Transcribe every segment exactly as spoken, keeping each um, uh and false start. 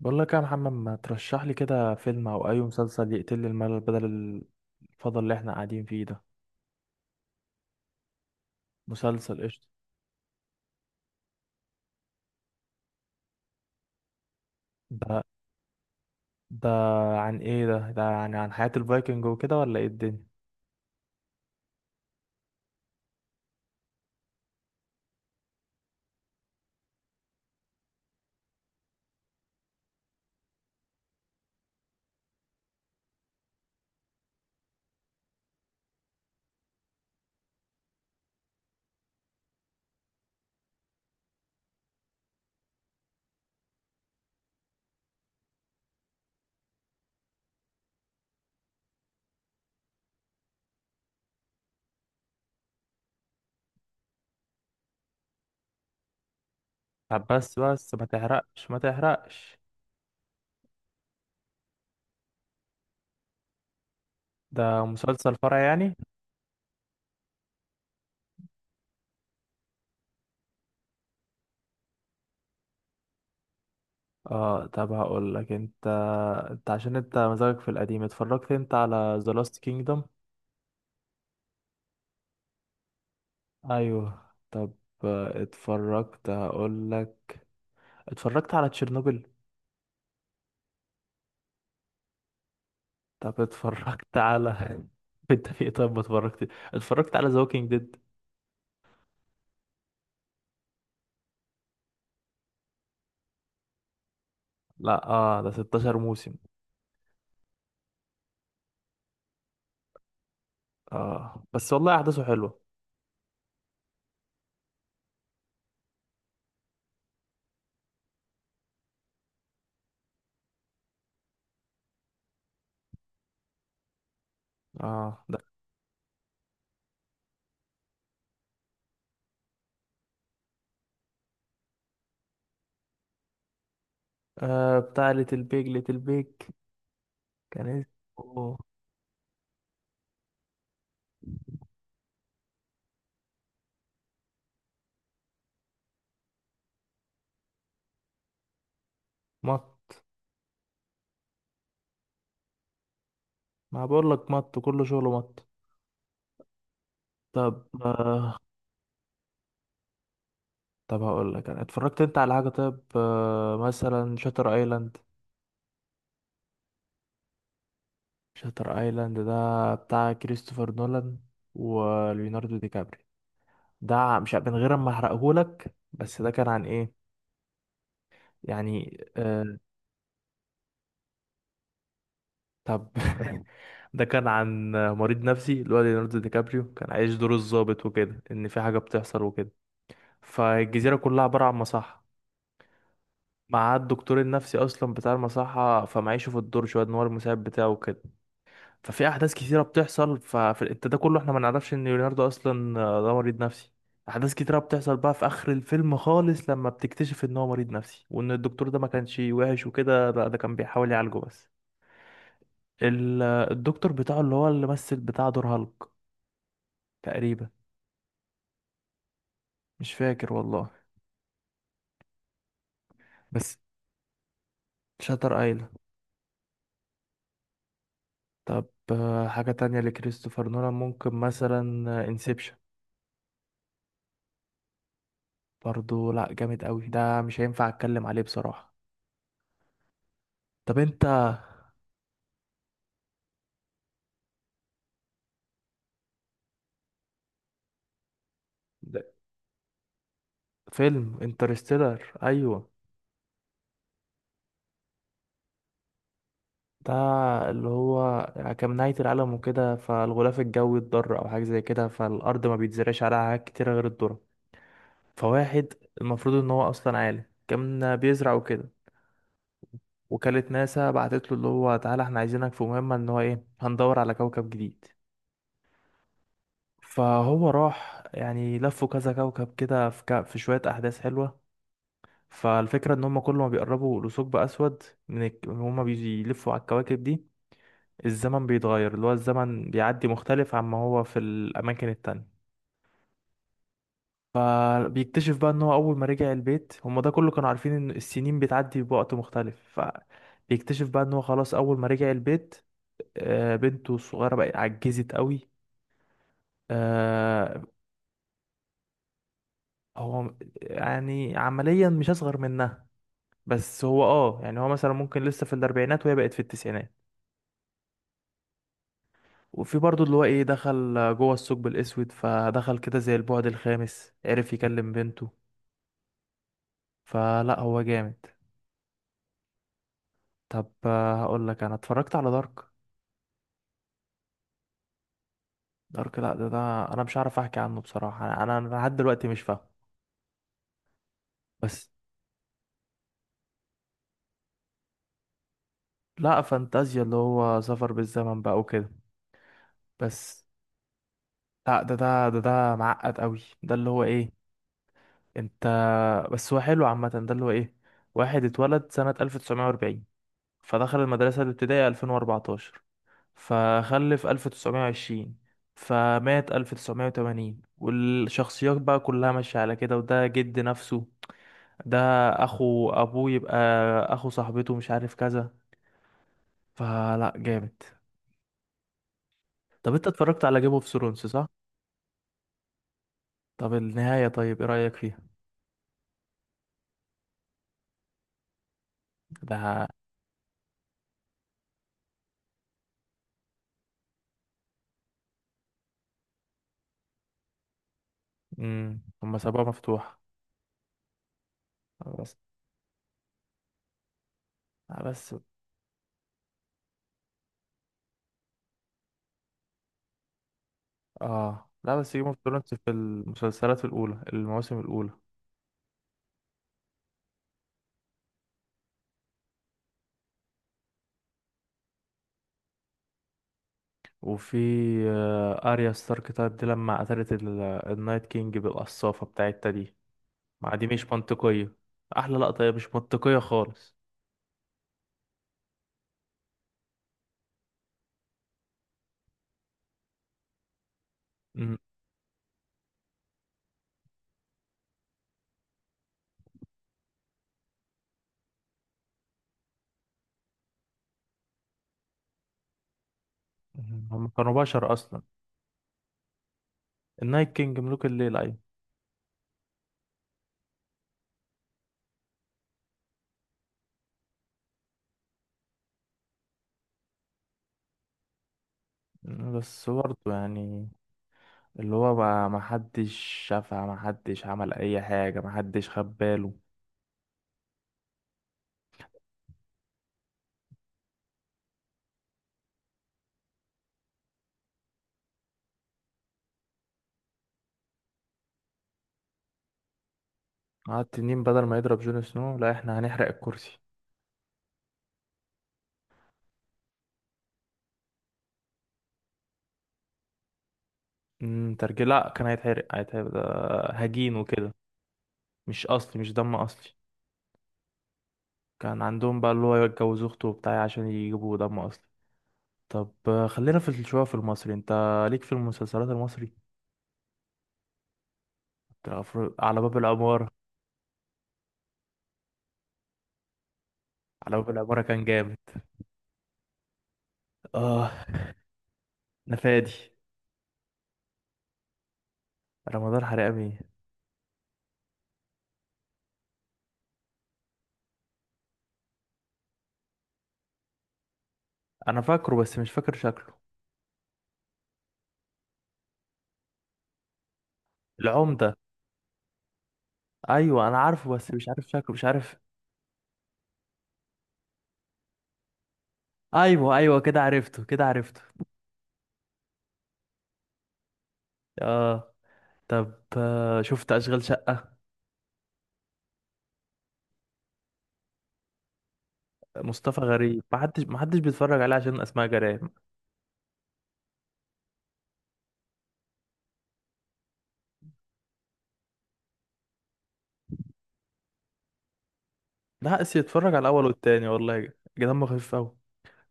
بقول لك يا محمد، ما ترشح لي كده فيلم او اي مسلسل يقتل لي الملل بدل الفضل اللي احنا قاعدين فيه ده؟ مسلسل قشطة. ده ده عن ايه؟ ده ده يعني عن حياة الفايكنج وكده ولا ايه الدنيا؟ طب بس بس ما تحرقش، ما تحرقش. ده مسلسل فرع يعني؟ اه، طب هقول لك انت انت عشان انت مزاجك في القديم. اتفرجت انت على ذا لاست كينجدم؟ ايوه. طب آه، اتفرجت. هقول لك، اتفرجت على تشيرنوبل؟ طب اتفرجت على انت في ايه طيب؟ ما اتفرجت. اتفرجت على ذا ووكينج ديد؟ لا اه، ده ستاشر موسم. اه بس والله احداثه حلوه. اه ده آه، بتاع ليتل بيج ليتل بيج كان اسمه. مط، ما بقول لك مط، كله شغله مط. طب آه. طب هقول لك انا اتفرجت انت على حاجه طيب؟ آه مثلا شاتر ايلاند. شاتر ايلاند ده بتاع كريستوفر نولان وليوناردو دي كابري. ده مش من غير ما احرقهولك، بس ده كان عن ايه يعني آه؟ طب ده كان عن مريض نفسي. اللي هو ليوناردو دي كابريو كان عايش دور الضابط وكده، ان في حاجه بتحصل وكده. فالجزيره كلها عباره عن مصحه، مع الدكتور النفسي اصلا بتاع المصحه. فمعيشه في الدور شويه ان هو المساعد بتاعه وكده. ففي احداث كتيره بتحصل، ففي انت ده كله احنا ما نعرفش ان ليوناردو اصلا آه، ده مريض نفسي. احداث كتيره بتحصل بقى في اخر الفيلم خالص، لما بتكتشف ان هو مريض نفسي، وان الدكتور ده ما كانش وحش وكده، لا ده كان بيحاول يعالجه. بس ال- الدكتور بتاعه، اللي هو اللي مثل بتاع دور هالك تقريبا، مش فاكر والله. بس شاتر ايلاند. طب آه، حاجة تانية لكريستوفر نولان ممكن مثلا انسبشن. برضو لا، جامد قوي ده، مش هينفع اتكلم عليه بصراحة. طب انت، ده فيلم انترستيلر ايوه؟ ده اللي هو كان نهاية العالم وكده، فالغلاف الجوي اتضر او حاجة زي كده، فالارض ما بيتزرعش عليها حاجات كتيرة غير الذرة. فواحد المفروض ان هو اصلا عالم، كان بيزرع وكده. وكالة ناسا بعتت له اللي هو تعالى احنا عايزينك في مهمة، ان هو ايه هندور على كوكب جديد. فهو راح، يعني لفوا كذا كوكب كده، في، ك... في شوية أحداث حلوة. فالفكرة ان هم كل ما بيقربوا لثقب أسود من الك... هم بيلفوا على الكواكب دي الزمن بيتغير. اللي هو الزمن بيعدي مختلف عما هو في الأماكن التانية. فبيكتشف بقى ان هو اول ما رجع البيت، هما ده كله كانوا عارفين ان السنين بتعدي بوقت مختلف. فبيكتشف بقى ان هو خلاص اول ما رجع البيت، آه، بنته الصغيرة بقت عجزت قوي. آه، هو يعني عمليا مش اصغر منها، بس هو اه يعني هو مثلا ممكن لسه في الاربعينات وهي بقت في التسعينات. وفي برضه اللي هو ايه، دخل جوه الثقب الاسود فدخل كده زي البعد الخامس، عرف يكلم بنته. فلا هو جامد. طب آه، هقول لك انا اتفرجت على دارك؟ دارك لا ده, ده انا مش عارف احكي عنه بصراحة، انا انا أنا لحد دلوقتي مش فاهم. بس لا، فانتازيا، اللي هو سفر بالزمن بقى وكده. بس لا، ده ده ده ده معقد قوي، ده اللي هو ايه، انت. بس هو حلو عامة. ده اللي هو ايه، واحد اتولد سنة ألف وتسعمية واربعين، فدخل المدرسة الابتدائية ألفين واربعتاشر، فخلف ألف وتسعمية وعشرين، فمات ألف وتسعمية وتمانين، والشخصيات بقى كلها ماشية على كده، وده جد نفسه، ده اخو ابوه يبقى، اخو صاحبته، مش عارف كذا. فلا جامد. طب انت اتفرجت على جيم اوف ثرونز صح؟ طب النهاية طيب ايه رأيك فيها؟ ده امم، هما سابوها مفتوحة. بس، بس اه لا، بس جيم اوف ثرونز في المسلسلات الاولى، المواسم الاولى. وفي آه، اريا ستارك، طيب دي لما قتلت ال- النايت كينج بالقصافة بتاعتها دي، ما دي مش منطقية. احلى لقطة هي مش منطقية خالص. مم. هم كانوا بشر اصلا. النايت كينج ملوك الليل أيوة. بس برضه يعني، اللي هو بقى محدش شافها، محدش عمل أي حاجة، محدش خد باله. قعد تنين بدل ما يضرب جون سنو، لا احنا هنحرق الكرسي. امم، ترجي، لا كان هيتحرق، هيتحرق ده هجين وكده، مش أصلي، مش دم أصلي. كان عندهم بقى اللي هو يتجوز أخته وبتاع عشان يجيبوا دم أصلي. طب آه، خلينا في شوية في المصري. انت ليك في المسلسلات المصري؟ بتاع فر- على باب العمارة. على باب العمارة كان جامد. اه انا فادي، رمضان حرامي. انا فاكره بس مش فاكر شكله. العمدة، ايوه انا عارفه بس مش عارف شكله، مش عارف. ايوه ايوه، كده عرفته، كده عرفته. اه. طب آه، شفت اشغال شقة؟ مصطفى غريب، ما حدش ما حدش بيتفرج عليه عشان اسماء جلال. ده حقس يتفرج على الاول والتاني، والله دمه خفيف قوي.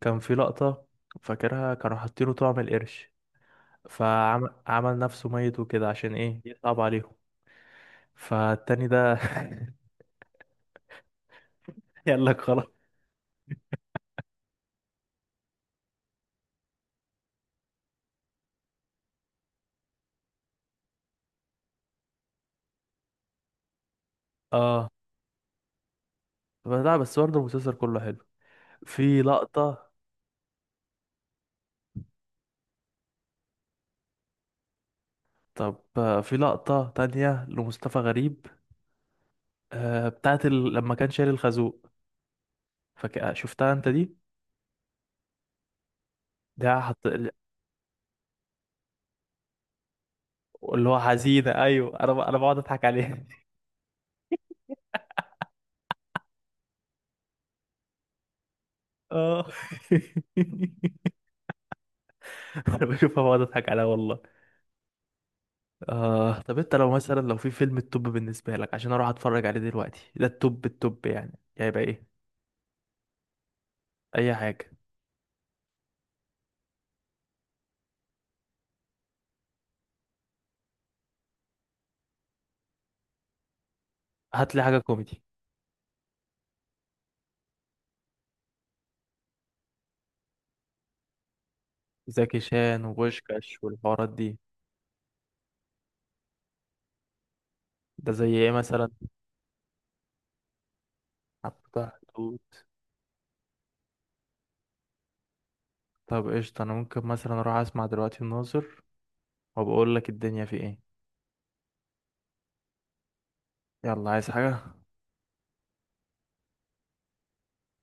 كان في لقطة فاكرها، كانوا حاطينه طعم القرش، فعمل نفسه ميت وكده عشان ايه، يصعب عليهم. فالتاني ده يقول لك خلاص. اه لا، بس برضه المسلسل كله حلو. في لقطة. طب آه، في لقطة تانية لمصطفى غريب، آه، بتاعت ال... لما كان شايل الخازوق، فك... شفتها انت دي؟ ده حط... اللي هو حزينة ايوه. انا ب... انا بقعد اضحك عليها اه انا بشوفها بقعد اضحك عليها والله. آه طب انت لو مثلا لو في فيلم التوب بالنسبة لك عشان اروح اتفرج عليه دلوقتي، ده التوب التوب يعني، يعني هيبقى ايه؟ اي حاجة. هات لي حاجة كوميدي، زكي شان وبوشكاش والحوارات دي. ده زي ايه مثلا؟ حبة حدود. طب قشطة، أنا ممكن مثلا أروح أسمع دلوقتي الناظر وبقول لك الدنيا في إيه. يلا، عايز حاجة؟